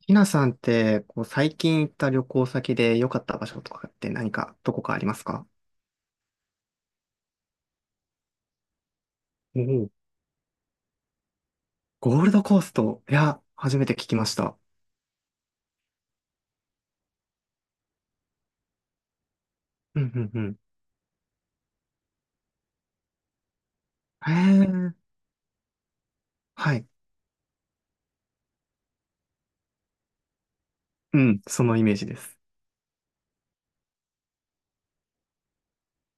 ひなさんって、こう、最近行った旅行先で良かった場所とかって何か、どこかありますか？おおう、ゴールドコースト。いや、初めて聞きました。うんうんうん。へえ、はい。うん、そのイメージです。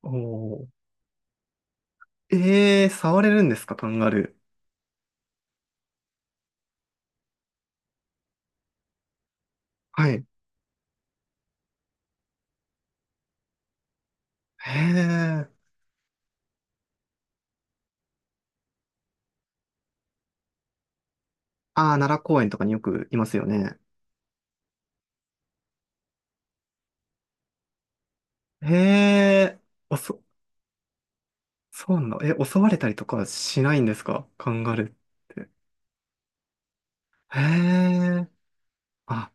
おお。ええー、触れるんですか、カンガルー。はい。へえ。ああ、奈良公園とかによくいますよね。へえ、おそ、そうなの。え、襲われたりとかしないんですか、カンガルーって。へえ。あ、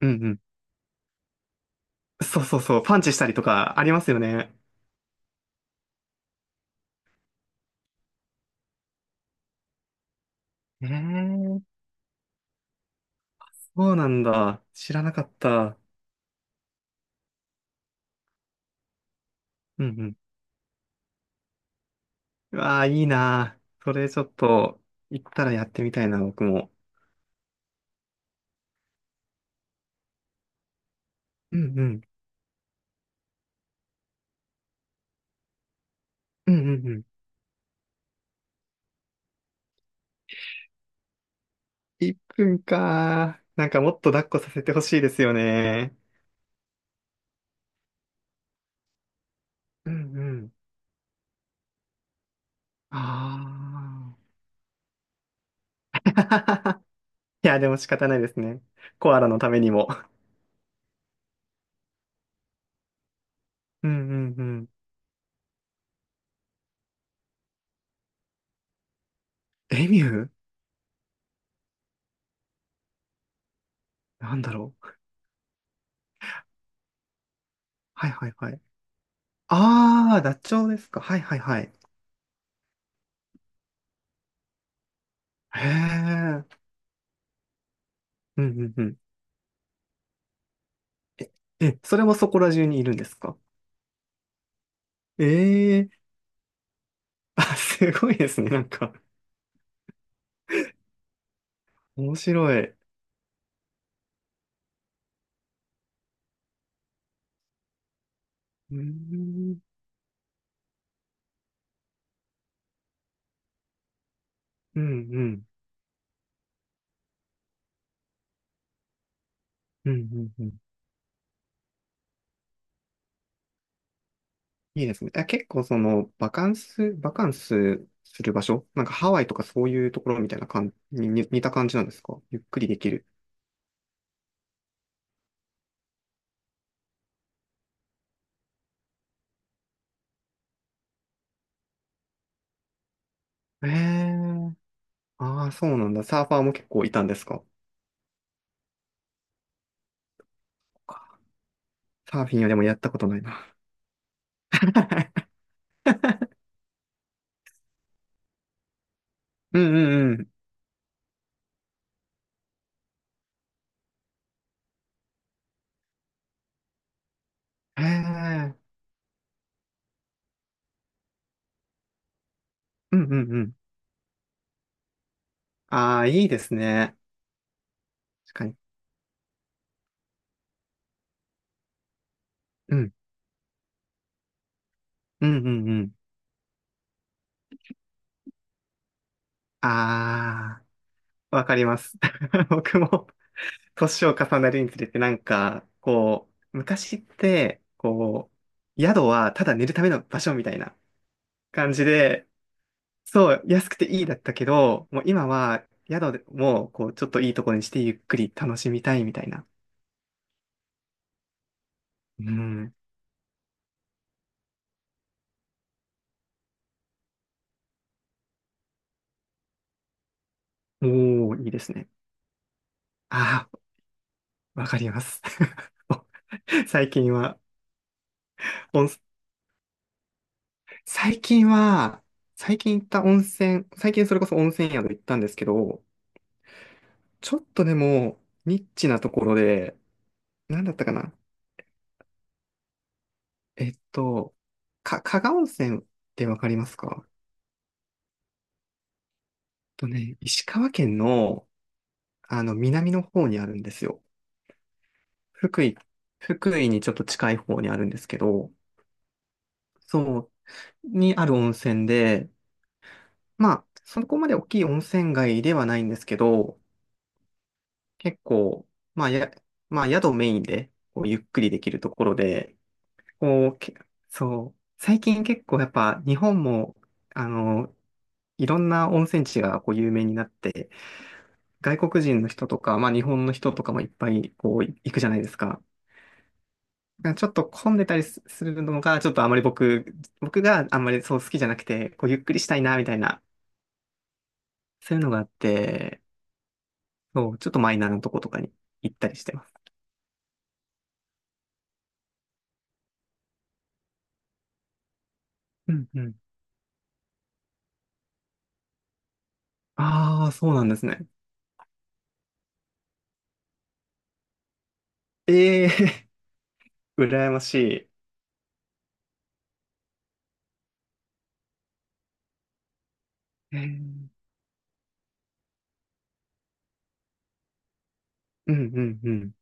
うんうん、そうそうそう、パンチしたりとかありますよね。えー、そうなんだ。知らなかった。うんうん。うわあ、いいなー。それちょっと、行ったらやってみたいな、僕も。うんうん。うんうんうん。1分かー。なんかもっと抱っこさせてほしいですよね。うんうん。ああ。いや、でも仕方ないですね。コアラのためにも。うんうんうん。エミュー、なんだろう。はいはいはい。ああ、ダチョウですか。はいはいはい。へえ。うんうんうん。え、え、それもそこら中にいるんですか？ええ、あ、すごいですね。なんか、面白い。うーん、うん、うん、うん、うん。うん、いいですね。あ、結構その、バカンス、バカンスする場所なんかハワイとかそういうところみたいな感じに、に似た感じなんですか、ゆっくりできる。ええ、ああ、そうなんだ。サーファーも結構いたんですか？サーフィンはでもやったことないな。うんうんうん。へえ。うんうんうん。ああ、いいですね。確かに。うん。うん、うん、うん。ああ、わかります。僕も、年を重ねるにつれて、なんか、こう、昔って、こう、宿はただ寝るための場所みたいな感じで、そう、安くていいだったけど、もう今は、宿でも、こう、ちょっといいところにして、ゆっくり楽しみたいみたいな。うん。おー、いいですね。ああ、わかります。最近は、温最近は、最近行った温泉、最近それこそ温泉宿行ったんですけど、ちょっとでも、ニッチなところで、なんだったかな、えっと、か、加賀温泉ってわかりますか？ね、石川県の、南の方にあるんですよ。福井、福井にちょっと近い方にあるんですけど、そう、にある温泉で、まあ、そこまで大きい温泉街ではないんですけど、結構、まあ、や、まあ、宿メインで、こう、ゆっくりできるところで、こう、け、そう、最近結構やっぱ、日本も、あの、いろんな温泉地がこう有名になって、外国人の人とか、まあ、日本の人とかもいっぱい、こう、行くじゃないですか。だからちょっと混んでたりすするのが、ちょっとあまり僕、あんまりそう好きじゃなくて、こう、ゆっくりしたいな、みたいな、そういうのがあって、そう、ちょっとマイナーなとことかに行ったりしてます。うんうん。ああ、そうなんですね。ええー、 羨ましい。えー、うんうんうん。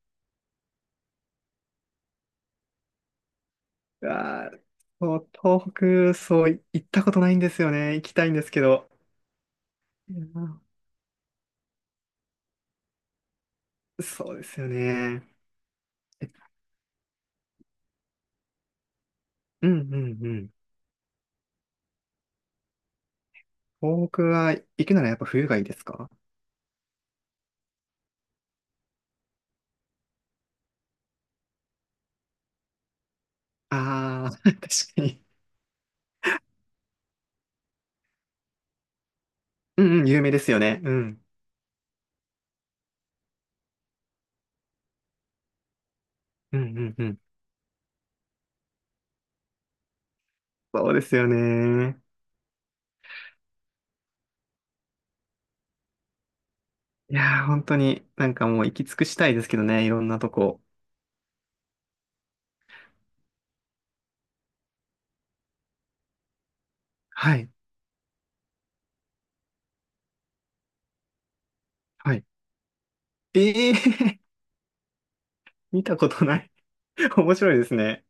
わー、そう、東北、そう、行ったことないんですよね。行きたいんですけど。いやー、そうですよね。え、うんうんうん。東北は行くならやっぱ冬がいいですか？ああー、確かに。うんうん、有名ですよね。うん。うんうんうん。そうですよね。いやー、本当になんかもう行き尽くしたいですけどね、いろんなとこ。はい。はい。ええー、見たことない。面白いですね。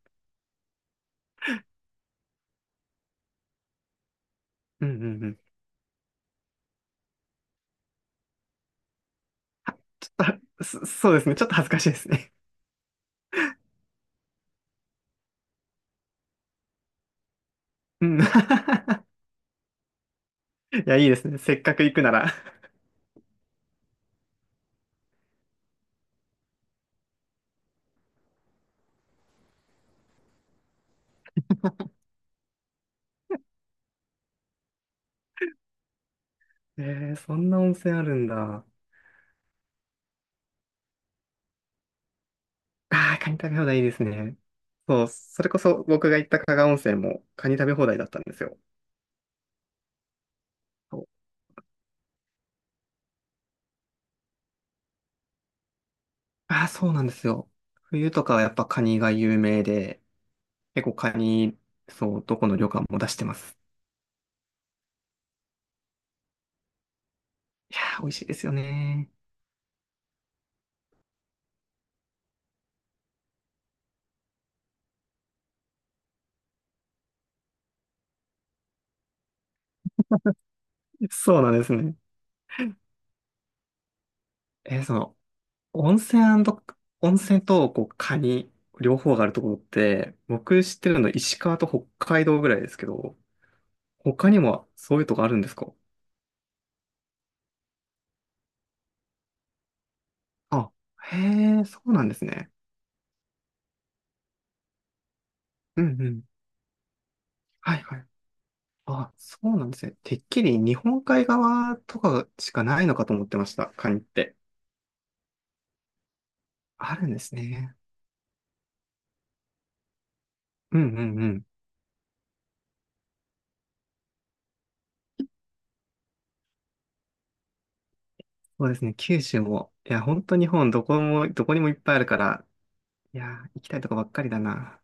うんうんうん。ちょっと、そそうですね。ちょっと恥ずかしいですね。うん。いや、いいですね。せっかく行くなら。えー、そんな温泉あるんだ。ああ、カニ食べ放題いいですね。そう、それこそ僕が行った加賀温泉もカニ食べ放題だったんですよ。そう、ああ、そうなんですよ。冬とかはやっぱカニが有名で、結構カニ、そう、どこの旅館も出してます。いやー、美味しいですよね。そうなんですね。えーその、温泉温泉とこうカニ、両方があるところって、僕知ってるの石川と北海道ぐらいですけど、他にもそういうとこあるんですか？あ、へえ、そうなんですね。うんうん。はいはい。あ、そうなんですね。てっきり日本海側とかしかないのかと思ってました、カニって。あるんですね。うんうんうん。そうですね、九州も。いや、本当日本どこも、どこにもいっぱいあるから、いや、行きたいとこばっかりだな。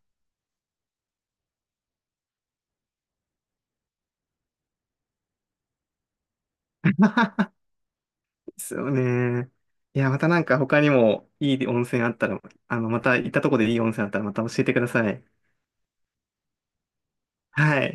ですよね。いや、またなんか他にもいい温泉あったら、また行ったとこでいい温泉あったらまた教えてください。はい。